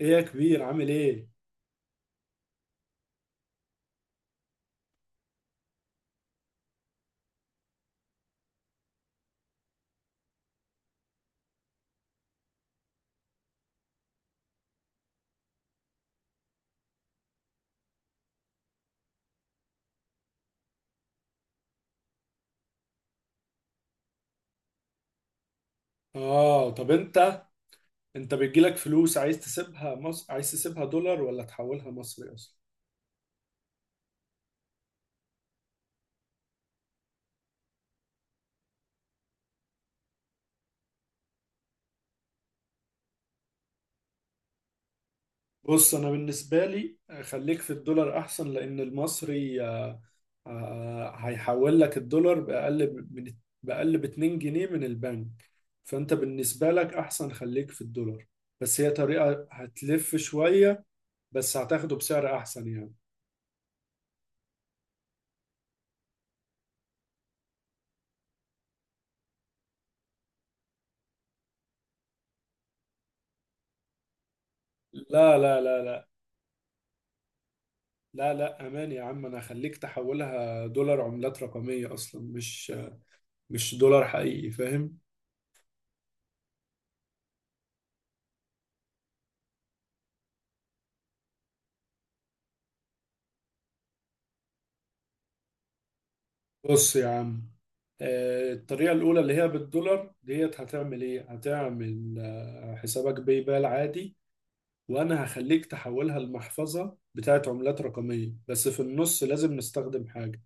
ايه يا كبير، عامل ايه؟ اه، طب انت بيجيلك فلوس، عايز تسيبها مصر، عايز تسيبها دولار، ولا تحولها مصري اصلا؟ بص انا بالنسبه لي خليك في الدولار احسن، لان المصري هيحول لك الدولار باقل ب- 2 جنيه من البنك. فانت بالنسبه لك احسن خليك في الدولار، بس هي طريقه هتلف شويه، بس هتاخده بسعر احسن يعني. لا لا لا، لا لا، امان يا عم، انا هخليك تحولها دولار عملات رقمية، اصلا مش دولار حقيقي، فاهم؟ بص يا عم، الطريقة الأولى اللي هي بالدولار ديت هتعمل إيه؟ هتعمل حسابك باي بال عادي، وانا هخليك تحولها لمحفظة بتاعت عملات رقمية، بس في النص لازم نستخدم حاجة.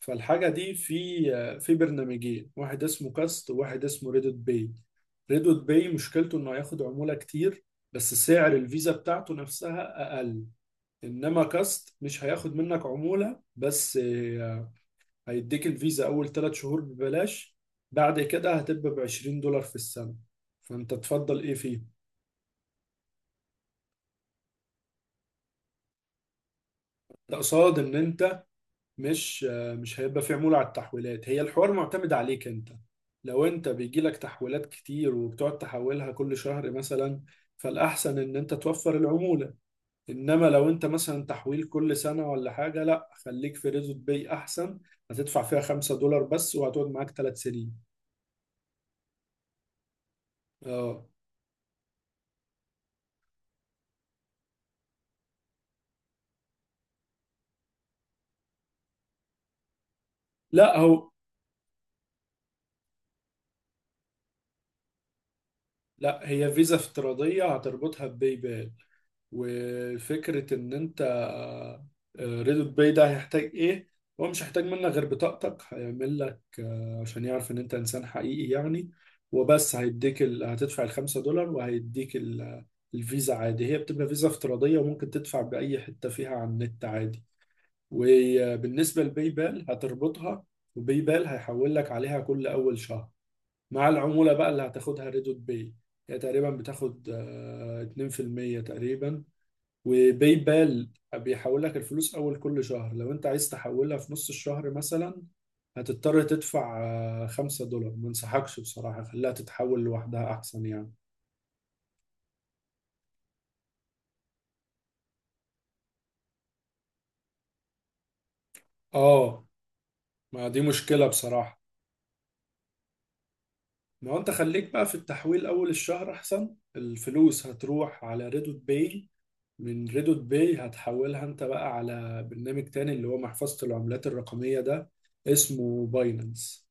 فالحاجة دي في برنامجين، واحد اسمه كاست وواحد اسمه ريدوت باي. ريدوت باي مشكلته انه هياخد عمولة كتير، بس سعر الفيزا بتاعته نفسها اقل. انما كاست مش هياخد منك عمولة، بس هيديك الفيزا اول ثلاث شهور ببلاش، بعد كده هتبقى ب 20 دولار في السنة. فانت تفضل ايه فيه؟ ده قصاد ان انت مش، هيبقى في عمولة على التحويلات. هي الحوار معتمد عليك انت، لو انت بيجيلك تحويلات كتير وبتقعد تحولها كل شهر مثلا، فالأحسن ان انت توفر العمولة. انما لو انت مثلا تحويل كل سنة ولا حاجة، لا خليك في ريزوت باي احسن، هتدفع فيها خمسة دولار بس وهتقعد معاك ثلاث سنين. اه. لا هو لا، هي فيزا افتراضية هتربطها بباي بال. وفكرة إن أنت، ريدوت باي ده هيحتاج إيه؟ هو مش هيحتاج منك غير بطاقتك، هيعمل لك عشان يعرف إن أنت إنسان حقيقي يعني، وبس. هتدفع الخمسة دولار وهيديك الفيزا عادي. هي بتبقى فيزا افتراضية، وممكن تدفع بأي حتة فيها على النت عادي. وبالنسبة لباي بال هتربطها، وباي بال هيحول لك عليها كل أول شهر. مع العمولة بقى اللي هتاخدها ريدوت باي، هي تقريبا بتاخد 2% تقريبا. وباي بال بيحول لك الفلوس اول كل شهر، لو انت عايز تحولها في نص الشهر مثلا هتضطر تدفع خمسة دولار. ما انصحكش بصراحة، خليها تتحول لوحدها احسن يعني. اه، ما دي مشكلة بصراحة. ما هو انت خليك بقى في التحويل اول الشهر احسن. الفلوس هتروح على ريدوت باي، من ريدوت باي هتحولها انت بقى على برنامج تاني اللي هو محفظة العملات الرقمية ده، اسمه باينانس.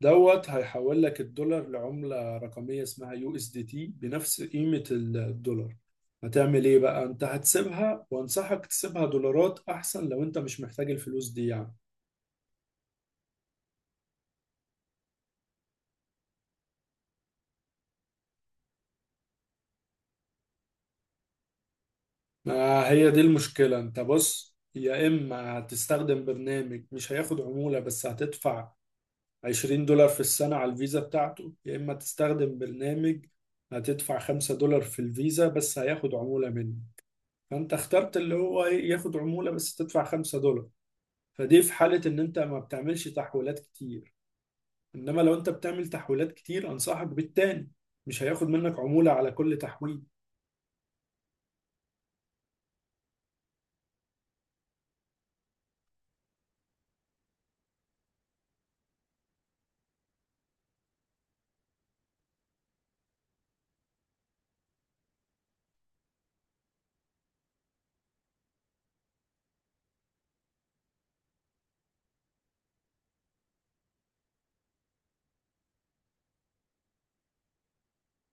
دوت هيحول لك الدولار لعملة رقمية اسمها يو اس دي تي، بنفس قيمة الدولار. هتعمل ايه بقى انت؟ هتسيبها، وانصحك تسيبها دولارات احسن لو انت مش محتاج الفلوس دي يعني. ما هي دي المشكلة. انت بص، يا اما هتستخدم برنامج مش هياخد عمولة بس هتدفع 20 دولار في السنة على الفيزا بتاعته، يا اما تستخدم برنامج هتدفع 5 دولار في الفيزا بس هياخد عمولة منه. فانت اخترت اللي هو إيه، ياخد عمولة بس تدفع 5 دولار. فدي في حالة إن أنت ما بتعملش تحويلات كتير، إنما لو أنت بتعمل تحويلات كتير أنصحك بالتاني، مش هياخد منك عمولة على كل تحويل.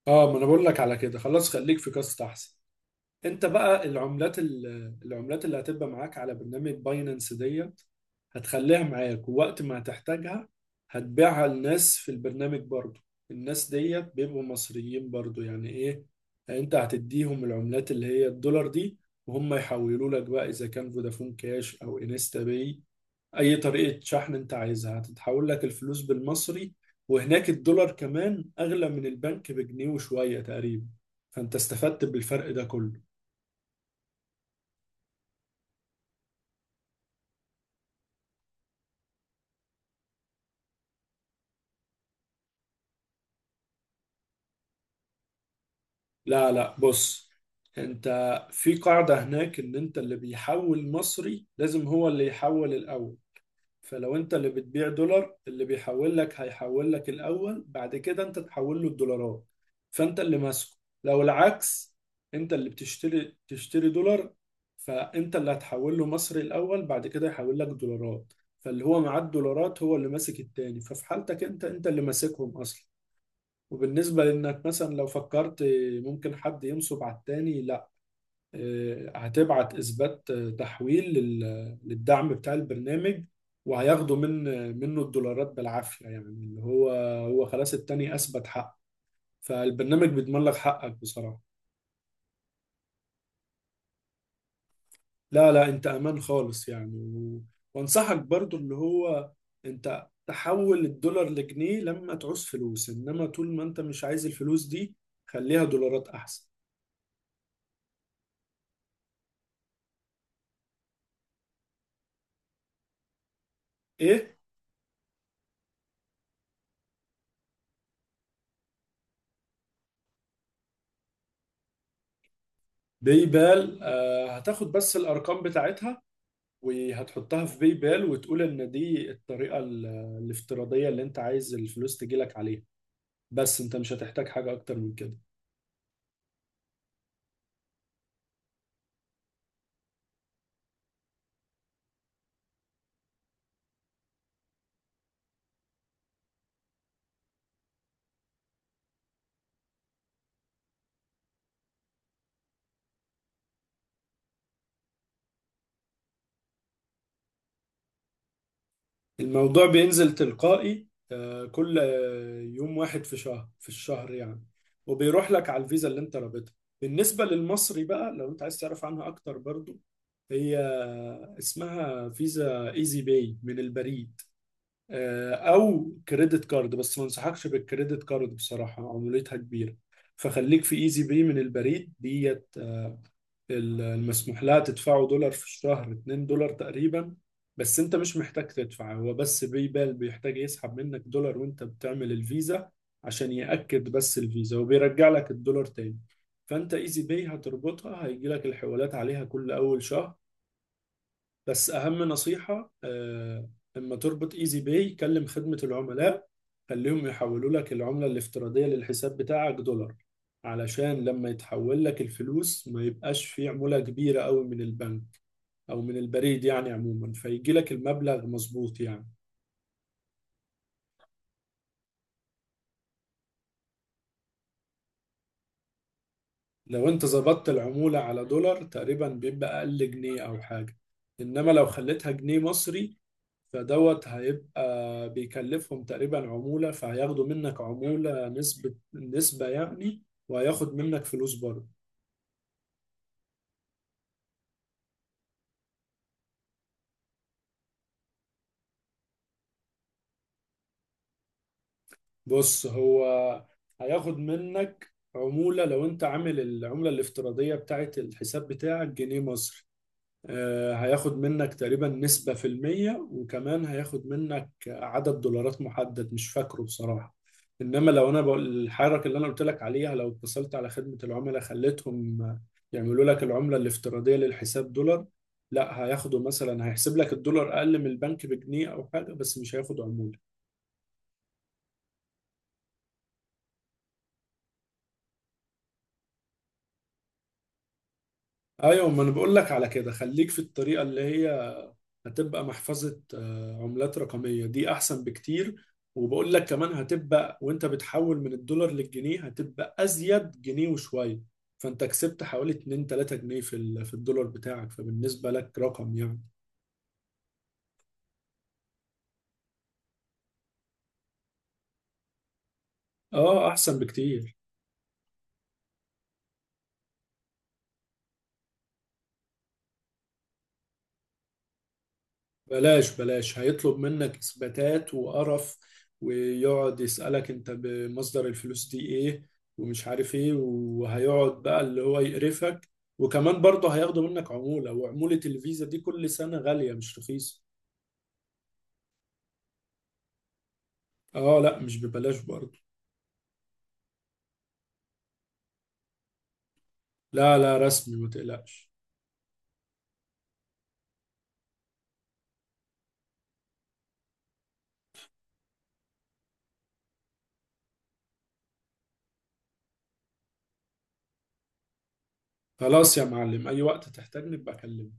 آه، ما أنا بقول لك على كده، خلاص خليك في كاست أحسن. انت بقى العملات العملات اللي هتبقى معاك على برنامج باينانس ديت هتخليها معاك، ووقت ما هتحتاجها هتبيعها لناس في البرنامج برضو. الناس ديت بيبقوا مصريين برضو، يعني ايه، انت هتديهم العملات اللي هي الدولار دي وهم يحولوا لك بقى، اذا كان فودافون كاش او انستا باي، اي طريقة شحن انت عايزها هتتحول لك الفلوس بالمصري. وهناك الدولار كمان اغلى من البنك بجنيه وشوية تقريبا، فانت استفدت بالفرق ده كله. لا لا، بص انت، في قاعدة هناك ان انت اللي بيحول مصري لازم هو اللي يحول الاول. فلو انت اللي بتبيع دولار، اللي بيحول لك هيحول لك الاول، بعد كده انت تحول له الدولارات، فانت اللي ماسكه. لو العكس، انت اللي تشتري دولار، فانت اللي هتحول له مصري الاول، بعد كده يحول لك دولارات. فاللي هو معاه الدولارات هو اللي ماسك التاني، ففي حالتك انت اللي ماسكهم اصلا. وبالنسبة لإنك مثلا لو فكرت ممكن حد ينصب على التاني، لا، هتبعت إثبات، تحويل للدعم بتاع البرنامج، وهياخدوا منه الدولارات بالعافية يعني. اللي هو، خلاص التاني أثبت حق، فالبرنامج بيضمن لك حقك بصراحة. لا لا، أنت أمان خالص يعني، وأنصحك برضو اللي هو أنت تحول الدولار لجنيه لما تعوز فلوس، إنما طول ما أنت مش عايز الفلوس دي خليها دولارات أحسن. إيه؟ باي بال هتاخد بس الارقام بتاعتها وهتحطها في باي بال، وتقول ان دي الطريقه الافتراضيه اللي انت عايز الفلوس تجيلك عليها. بس انت مش هتحتاج حاجه اكتر من كده. الموضوع بينزل تلقائي، كل يوم واحد في الشهر يعني، وبيروح لك على الفيزا اللي انت رابطها. بالنسبه للمصري بقى، لو انت عايز تعرف عنها اكتر برضو، هي اسمها فيزا ايزي باي من البريد، او كريدت كارد، بس ما انصحكش بالكريدت كارد بصراحه، عمولتها كبيره. فخليك في ايزي باي من البريد ديت. المسموح لها تدفعه دولار في الشهر 2 دولار تقريبا. بس انت مش محتاج تدفع، هو بس باي بال بيحتاج يسحب منك دولار وانت بتعمل الفيزا عشان يأكد بس الفيزا، وبيرجع لك الدولار تاني. فانت ايزي باي هتربطها، هيجي لك الحوالات عليها كل اول شهر. بس اهم نصيحة، اما تربط ايزي باي كلم خدمة العملاء، خليهم يحولوا لك العملة الافتراضية للحساب بتاعك دولار، علشان لما يتحول لك الفلوس ما يبقاش في عمولة كبيرة قوي من البنك او من البريد يعني، عموما فيجي لك المبلغ مظبوط يعني. لو انت ظبطت العمولة على دولار تقريبا بيبقى اقل جنيه او حاجة، انما لو خليتها جنيه مصري، فدوت هيبقى بيكلفهم تقريبا عمولة، فهياخدوا منك عمولة، نسبة نسبة يعني، وهياخد منك فلوس برضه. بص، هو هياخد منك عمولة لو انت عامل العملة الافتراضية بتاعت الحساب بتاعك جنيه مصري، هياخد منك تقريبا نسبة في المية، وكمان هياخد منك عدد دولارات محدد مش فاكره بصراحة. إنما لو أنا بقول الحركة اللي أنا قلت لك عليها، لو اتصلت على خدمة العملاء خليتهم يعملوا لك العملة الافتراضية للحساب دولار، لا هياخدوا مثلا، هيحسب لك الدولار أقل من البنك بجنيه أو حاجة، بس مش هياخد عمولة. أيوة، ما أنا بقول لك على كده، خليك في الطريقة اللي هي هتبقى محفظة عملات رقمية دي، أحسن بكتير. وبقول لك كمان هتبقى وأنت بتحول من الدولار للجنيه هتبقى أزيد جنيه وشوية، فأنت كسبت حوالي 2 3 جنيه في الدولار بتاعك، فبالنسبة لك رقم يعني. آه أحسن بكتير. بلاش بلاش، هيطلب منك اثباتات وقرف، ويقعد يسألك انت بمصدر الفلوس دي ايه، ومش عارف ايه، وهيقعد بقى اللي هو يقرفك، وكمان برضه هياخدوا منك عمولة، وعمولة الفيزا دي كل سنة غالية مش رخيصة. اه لا، مش ببلاش برضه. لا لا، رسمي ما تقلقش. خلاص يا معلم، اي وقت تحتاجني ابقى كلمني.